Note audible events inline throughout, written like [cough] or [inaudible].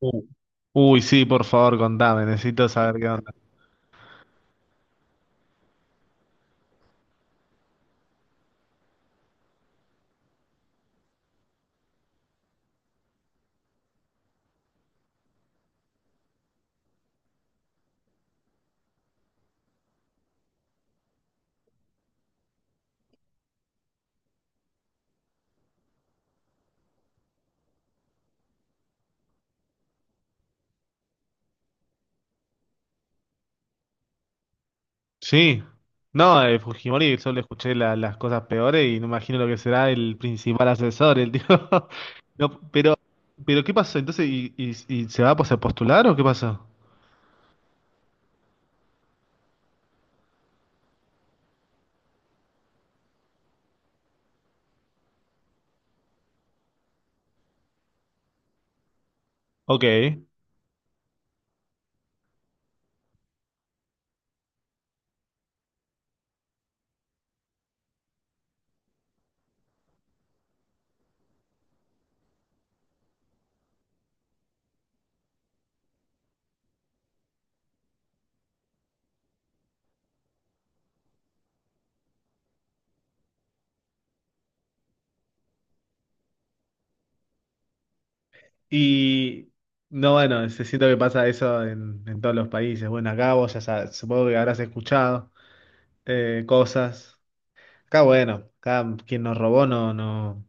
Uh. Uy, sí, por favor, contame, necesito saber qué onda. Sí, no, Fujimori solo escuché las cosas peores y no imagino lo que será el principal asesor, el tío. [laughs] No, pero ¿qué pasó? Entonces, y se va pues, a postular o qué pasó? Ok. Y no, bueno, se siento que pasa eso en todos los países. Bueno, acá vos ya sabes, supongo que habrás escuchado cosas. Acá, bueno, acá quien nos robó no, no.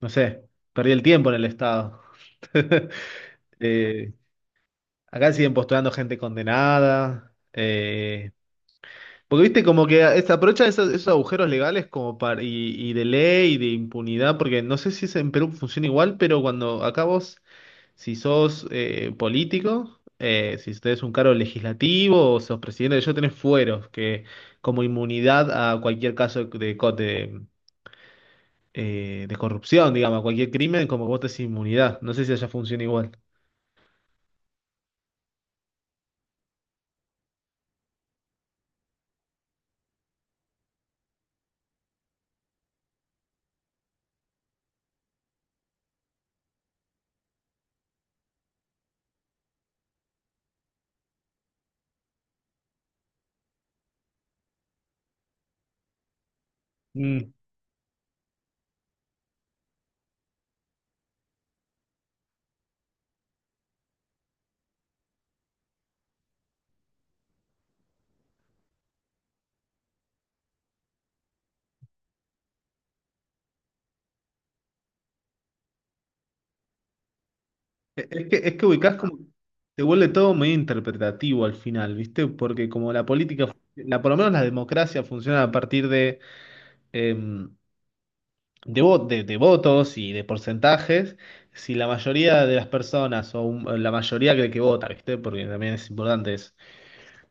No sé, perdí el tiempo en el Estado. [laughs] Eh, Acá siguen postulando gente condenada. Porque viste, como que aprovechan esos, esos agujeros legales como para, y de ley y de impunidad, porque no sé si es en Perú funciona igual, pero cuando acá vos, si sos político, si tenés un cargo legislativo o sos presidente, yo tenés fueros, que como inmunidad a cualquier caso de, cote de corrupción, digamos, a cualquier crimen, como que vos tenés inmunidad. No sé si allá funciona igual. Mm. Es que ubicás como, te vuelve todo medio interpretativo al final, ¿viste? Porque como la política, la, por lo menos la democracia funciona a partir de, em, de, de votos y de porcentajes, si la mayoría de las personas o la mayoría cree que vota, ¿viste? Porque también es importante eso,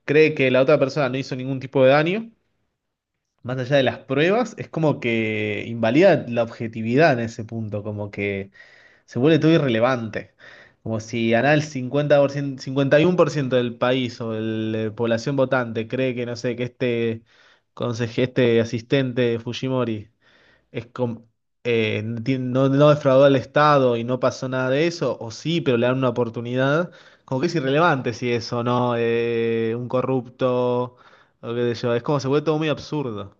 cree que la otra persona no hizo ningún tipo de daño, más allá de las pruebas, es como que invalida la objetividad en ese punto, como que se vuelve todo irrelevante. Como si ganar el 50%, 51% del país o de la población votante cree que, no sé, que este conseje, este asistente de Fujimori es com- no, no defraudó al Estado y no pasó nada de eso, o sí, pero le dan una oportunidad, como que es irrelevante si es o no un corrupto, o qué sé yo, es como se vuelve todo muy absurdo.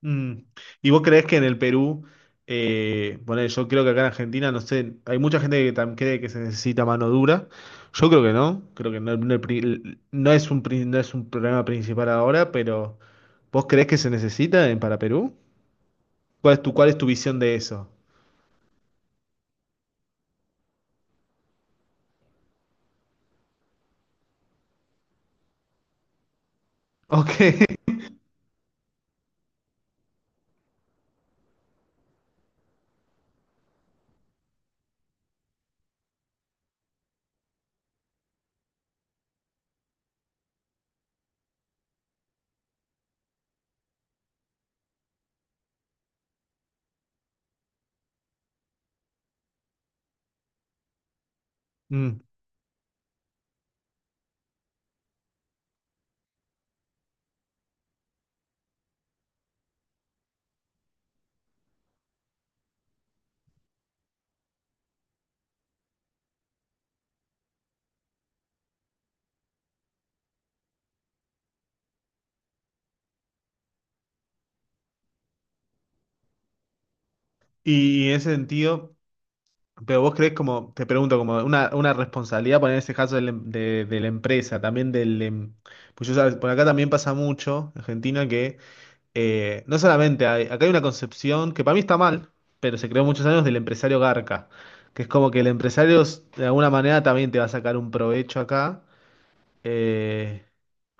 Mm. ¿Y vos creés que en el Perú, bueno, yo creo que acá en Argentina, no sé, hay mucha gente que cree que se necesita mano dura. Yo creo que no, no el no es un, no es un problema principal ahora, pero ¿vos creés que se necesita para Perú? Cuál es tu visión de eso? Ok. [laughs] Mm. Y en ese sentido, pero vos creés como, te pregunto, como una responsabilidad, poner en ese caso del de la empresa, también del... pues yo, sabes, por acá también pasa mucho, Argentina, que no solamente, acá hay una concepción que para mí está mal, pero se creó muchos años del empresario garca, que es como que el empresario de alguna manera también te va a sacar un provecho acá. Eh,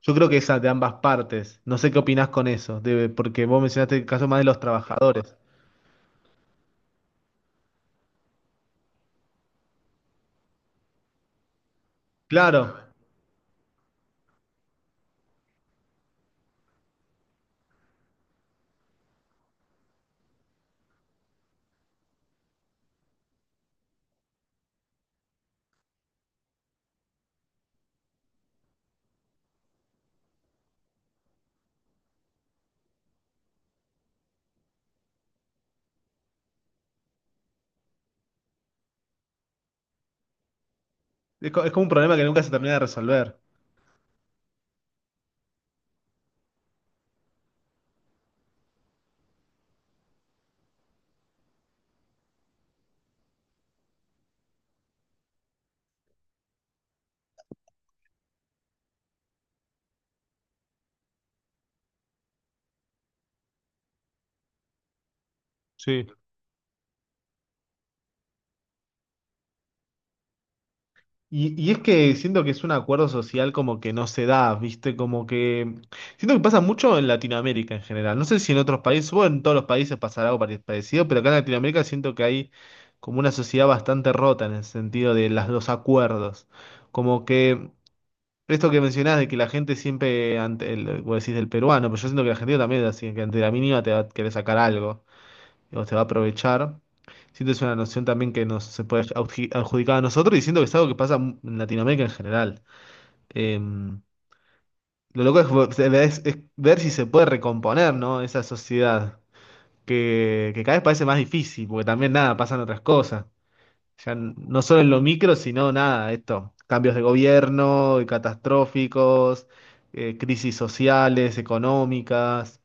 yo creo que esa de ambas partes. No sé qué opinás con eso, porque vos mencionaste el caso más de los trabajadores. Claro, es, es como un problema que nunca se termina de resolver. Sí. Y es que siento que es un acuerdo social como que no se da, ¿viste? Como que... Siento que pasa mucho en Latinoamérica en general. No sé si en otros países, bueno, en todos los países pasará algo parecido, pero acá en Latinoamérica siento que hay como una sociedad bastante rota en el sentido de las, los acuerdos. Como que esto que mencionás de que la gente siempre, ante el, vos decís del peruano, pero yo siento que el argentino también es así, que ante la mínima te va a querer sacar algo o se va a aprovechar. Siento que es una noción también que nos se puede adjudicar a nosotros y siento que es algo que pasa en Latinoamérica en general. Eh, lo loco es, es ver si se puede recomponer, ¿no? Esa sociedad que cada vez parece más difícil, porque también nada, pasan otras cosas. Ya no solo en lo micro, sino nada, esto, cambios de gobierno, y catastróficos, crisis sociales, económicas.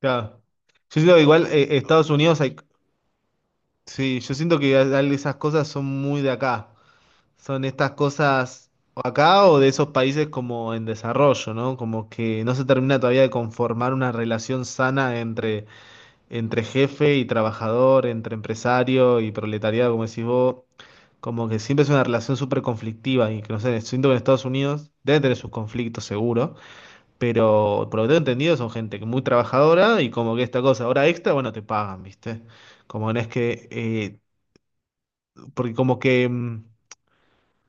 Claro. Yo siento que igual Estados Unidos hay, sí, yo siento que esas cosas son muy de acá. Son estas cosas o acá o de esos países como en desarrollo, ¿no? Como que no se termina todavía de conformar una relación sana entre, entre jefe y trabajador, entre empresario y proletariado, como decís vos. Como que siempre es una relación súper conflictiva y que no sé, siento que en Estados Unidos debe tener sus conflictos seguro, pero por lo que tengo entendido son gente que muy trabajadora y como que esta cosa, hora extra, bueno, te pagan, ¿viste? Como no es que porque como que, mm,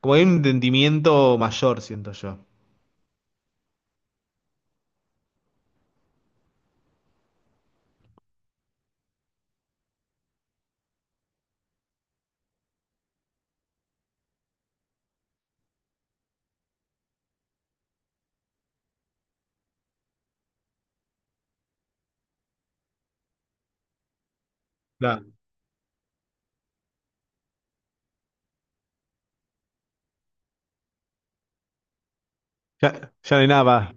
como hay un entendimiento mayor, siento yo. Claro. Ya, ya no hay nada más.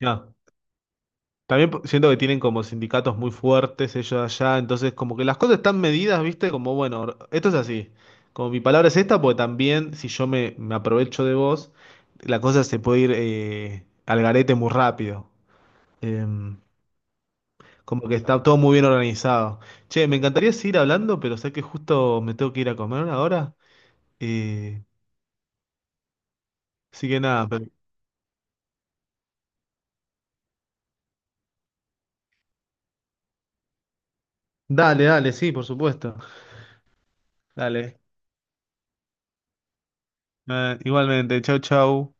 No. También siento que tienen como sindicatos muy fuertes ellos allá, entonces como que las cosas están medidas, ¿viste? Como, bueno, esto es así. Como mi palabra es esta, porque también si yo me, me aprovecho de vos, la cosa se puede ir al garete muy rápido. Em, como que está todo muy bien organizado. Che, me encantaría seguir hablando, pero sé que justo me tengo que ir a comer ahora. Eh, así que nada, dale, dale, sí, por supuesto. Dale. Igualmente, chau, chau.